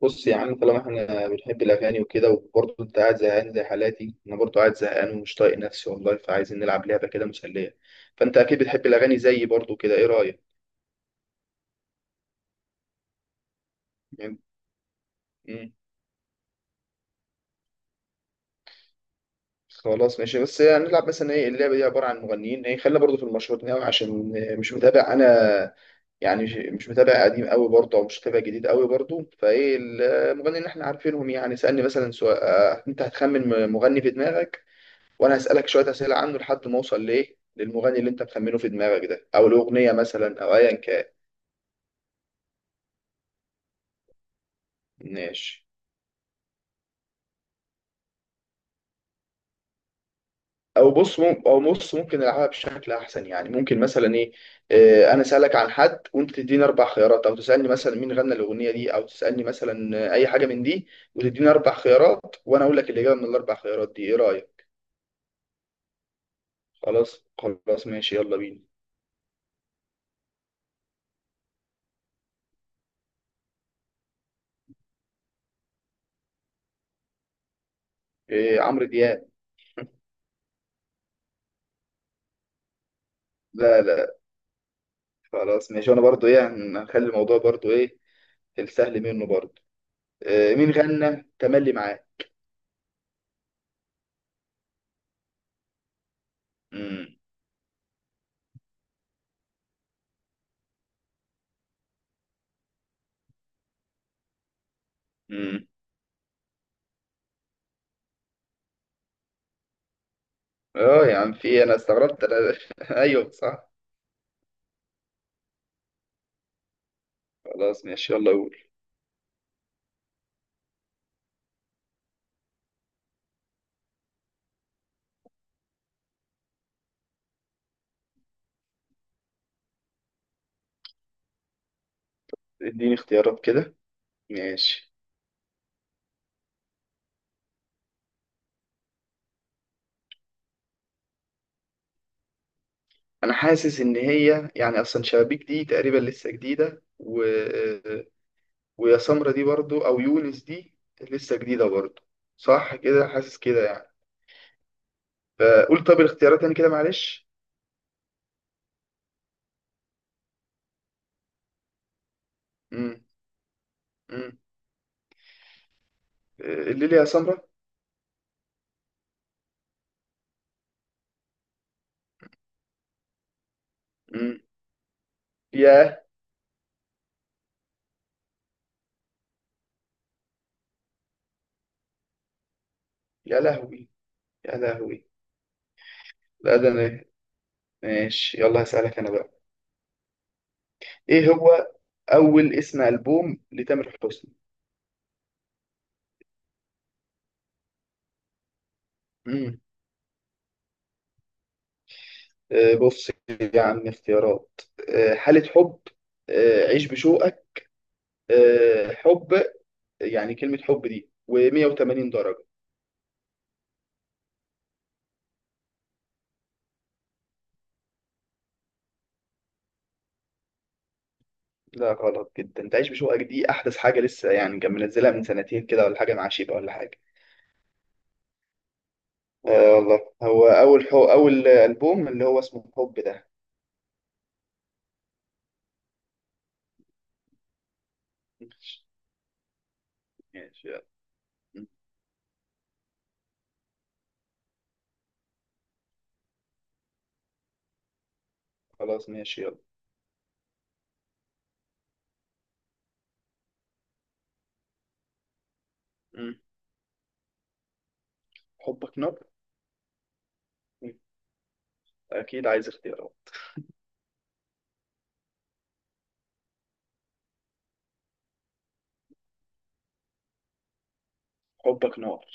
بص يا عم، طالما احنا بنحب الاغاني وكده وبرضه انت قاعد زهقان زي حالاتي. انا برضه قاعد زهقان ومش طايق نفسي والله، فعايزين نلعب لعبه كده مسليه. فانت اكيد بتحب الاغاني زيي برضه كده، ايه رايك؟ يعني- مم. خلاص ماشي. بس هنلعب مثلا ايه؟ اللعبه دي عباره عن مغنيين، ايه خلينا برضه في المشهورين قوي عشان مش متابع انا، يعني مش متابع قديم قوي برضه او مش متابع جديد قوي برضه. فايه المغنيين اللي احنا عارفينهم؟ يعني اسالني مثلا سؤال، انت هتخمن مغني في دماغك وانا هسألك شوية أسئلة عنه لحد ما اوصل ليه للمغني اللي انت مخمنه في دماغك ده، او الأغنية مثلا او ايا كان. ماشي. او بص او بص، ممكن نلعبها بشكل احسن. يعني ممكن مثلا ايه، انا اسالك عن حد وانت تديني اربع خيارات، او تسالني مثلا مين غنى الاغنيه دي، او تسالني مثلا اي حاجه من دي وتديني اربع خيارات وانا اقول لك الاجابه من الاربع خيارات دي. ايه رايك؟ خلاص خلاص ماشي، يلا بينا. إيه، عمرو دياب. لا لا، خلاص ماشي. وانا برضو ايه، هنخلي الموضوع برضو ايه، السهل منه برضو. مين غنى تملي معاه؟ امم امم اه يا عم، في إيه؟ انا استغربت انا. ايوه صح. خلاص ماشي يلا قول. اديني اختيارات كده. ماشي. انا حاسس ان هي يعني اصلا شبابيك دي تقريبا لسه جديده ويا سمرة دي برضو او يونس دي لسه جديده برضو. صح كده، حاسس كده يعني. فقول طب الاختيارات تاني كده، معلش. امم امم اللي لي يا سمرة. امم يا، يا لهوي. يا لهوي، لا ده انا. ماشي يلا هسألك انا بقى. ايه هو اول اسم البوم لتامر حسني؟ امم بص يا عم، اختيارات: حالة حب، عيش بشوقك، حب، يعني كلمة حب دي، و180 درجة. لا غلط جدا، تعيش بشوقك دي أحدث حاجة لسه، يعني كان منزلها من سنتين كده ولا حاجة، مع شيبة ولا حاجة. آه والله، هو أول أول ألبوم اللي هو اسمه حب ده. ماشي. ماشي، يلا. م. خلاص ماشي يلا. م. حبك نار. م. أكيد عايز اختيارات. حبك نار.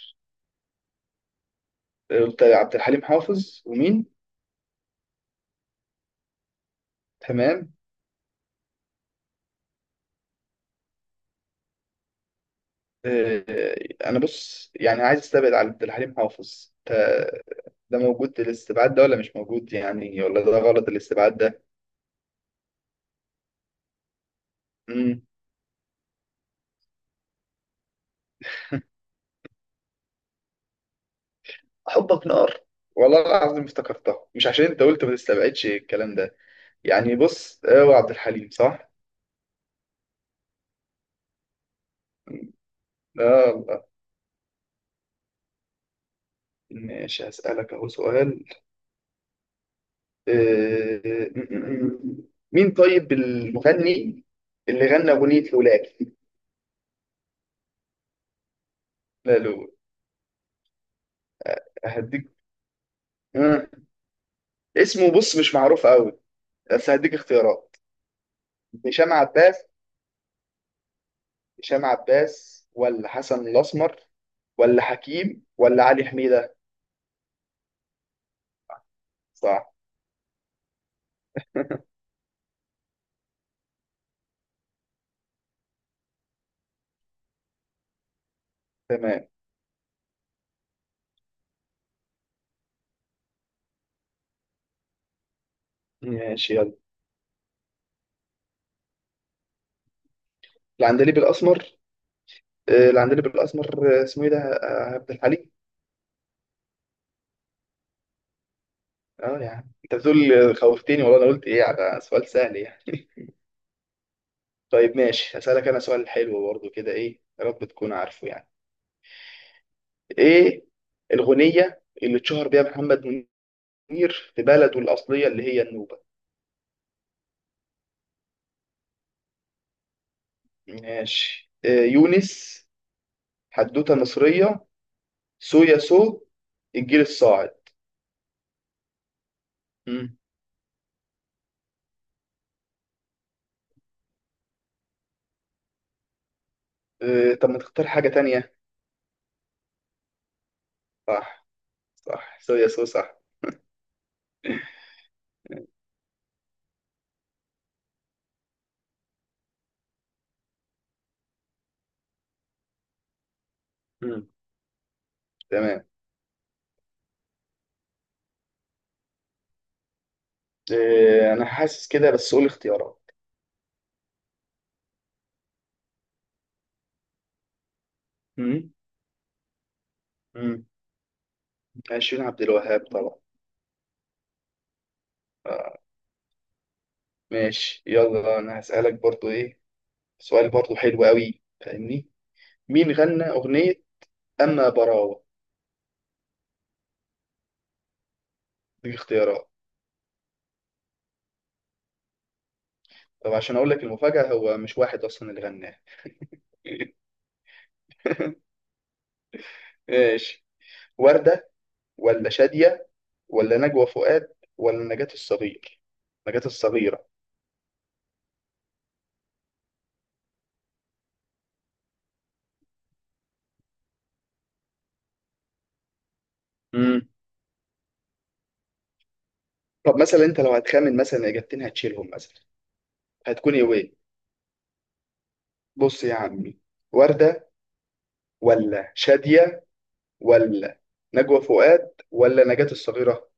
قلت عبد الحليم حافظ ومين؟ تمام. آه، انا بص يعني عايز استبعد على عبد الحليم حافظ ده موجود الاستبعاد ده ولا مش موجود يعني، ولا ده غلط الاستبعاد ده؟ امم حبك نار. والله العظيم افتكرتها مش عشان انت قلت ما تستبعدش الكلام ده. يعني بص، هو عبد الحليم صح. لا الله. ماشي هسألك اهو سؤال. م- م- م. مين طيب المغني اللي غنى أغنية لولاك؟ لا لو هديك آه. اسمه بص مش معروف قوي، بس هديك اختيارات. هشام عباس. هشام عباس ولا حسن الاسمر ولا حكيم ولا علي حميدة؟ صح. تمام ماشي يلا. العندليب الاسمر. العندليب الاسمر، اسمه ايه ده، عبد الحليم. اه يعني انت بتقول خوفتني والله، انا قلت ايه على سؤال سهل يعني. طيب ماشي، هسألك انا سؤال حلو برضه كده، ايه يا رب تكون عارفه يعني. ايه الغنية اللي اتشهر بيها محمد منير في بلده الأصلية اللي هي النوبة؟ ماشي. يونس، حدوتة مصرية، سويا سو، الجيل الصاعد. مم. طب ما تختار حاجة تانية؟ صح. صح سويا سو صح. مم. تمام. أنا حاسس كده، بس قول اختيارات. مم. مم. عشرين عبد الوهاب طبعا. آه، ماشي، يلا، أنا هسألك برضو إيه، سؤال برضو حلو قوي، فاهمني؟ مين غنى أغنية أما براوة؟ دي اختيارات. طب عشان أقول لك المفاجأة، هو مش واحد أصلا اللي غناها. ماشي. وردة، ولا شادية، ولا نجوى فؤاد، ولا نجاة الصغير. نجاة الصغيرة. امم طب مثلا انت لو هتخمن مثلا اجابتين هتشيلهم مثلا، هتكون ايه وين؟ بص يا عمي، وردة، ولا شادية، ولا نجوى فؤاد، ولا نجاة الصغيرة.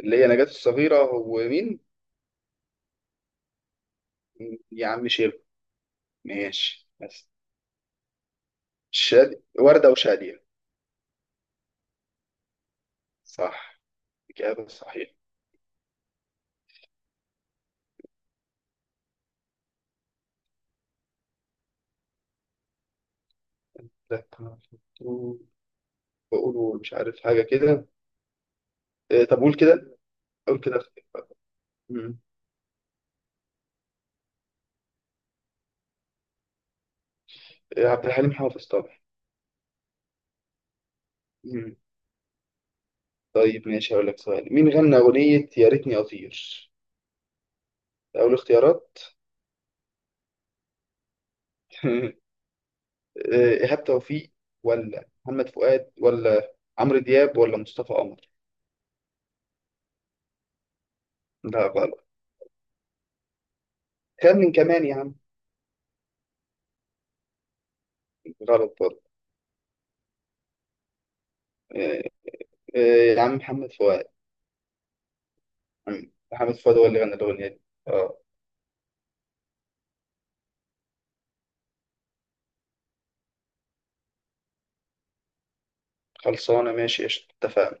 اللي هي نجاة الصغيرة هو مين؟ يا عم شيله. ماشي بس وردة وشادية. صح، إجابة صحيحة. ده بقولوا مش عارف حاجة كده. إيه، طب قول كده. قول كده. عبد الحليم حافظ طبعا. مم. طيب ماشي، هقول لك سؤال. مين غنى أغنية يا ريتني أطير؟ أول اختيارات. إيهاب توفيق، ولا محمد فؤاد، ولا عمرو دياب، ولا مصطفى قمر. لا غلط. كان من كمان يا عم. غلط برضه. آه، آه، يا عم محمد فؤاد. محمد فؤاد هو اللي غنى الأغنية دي. اه. خلصانة ماشي قشطة اتفقنا.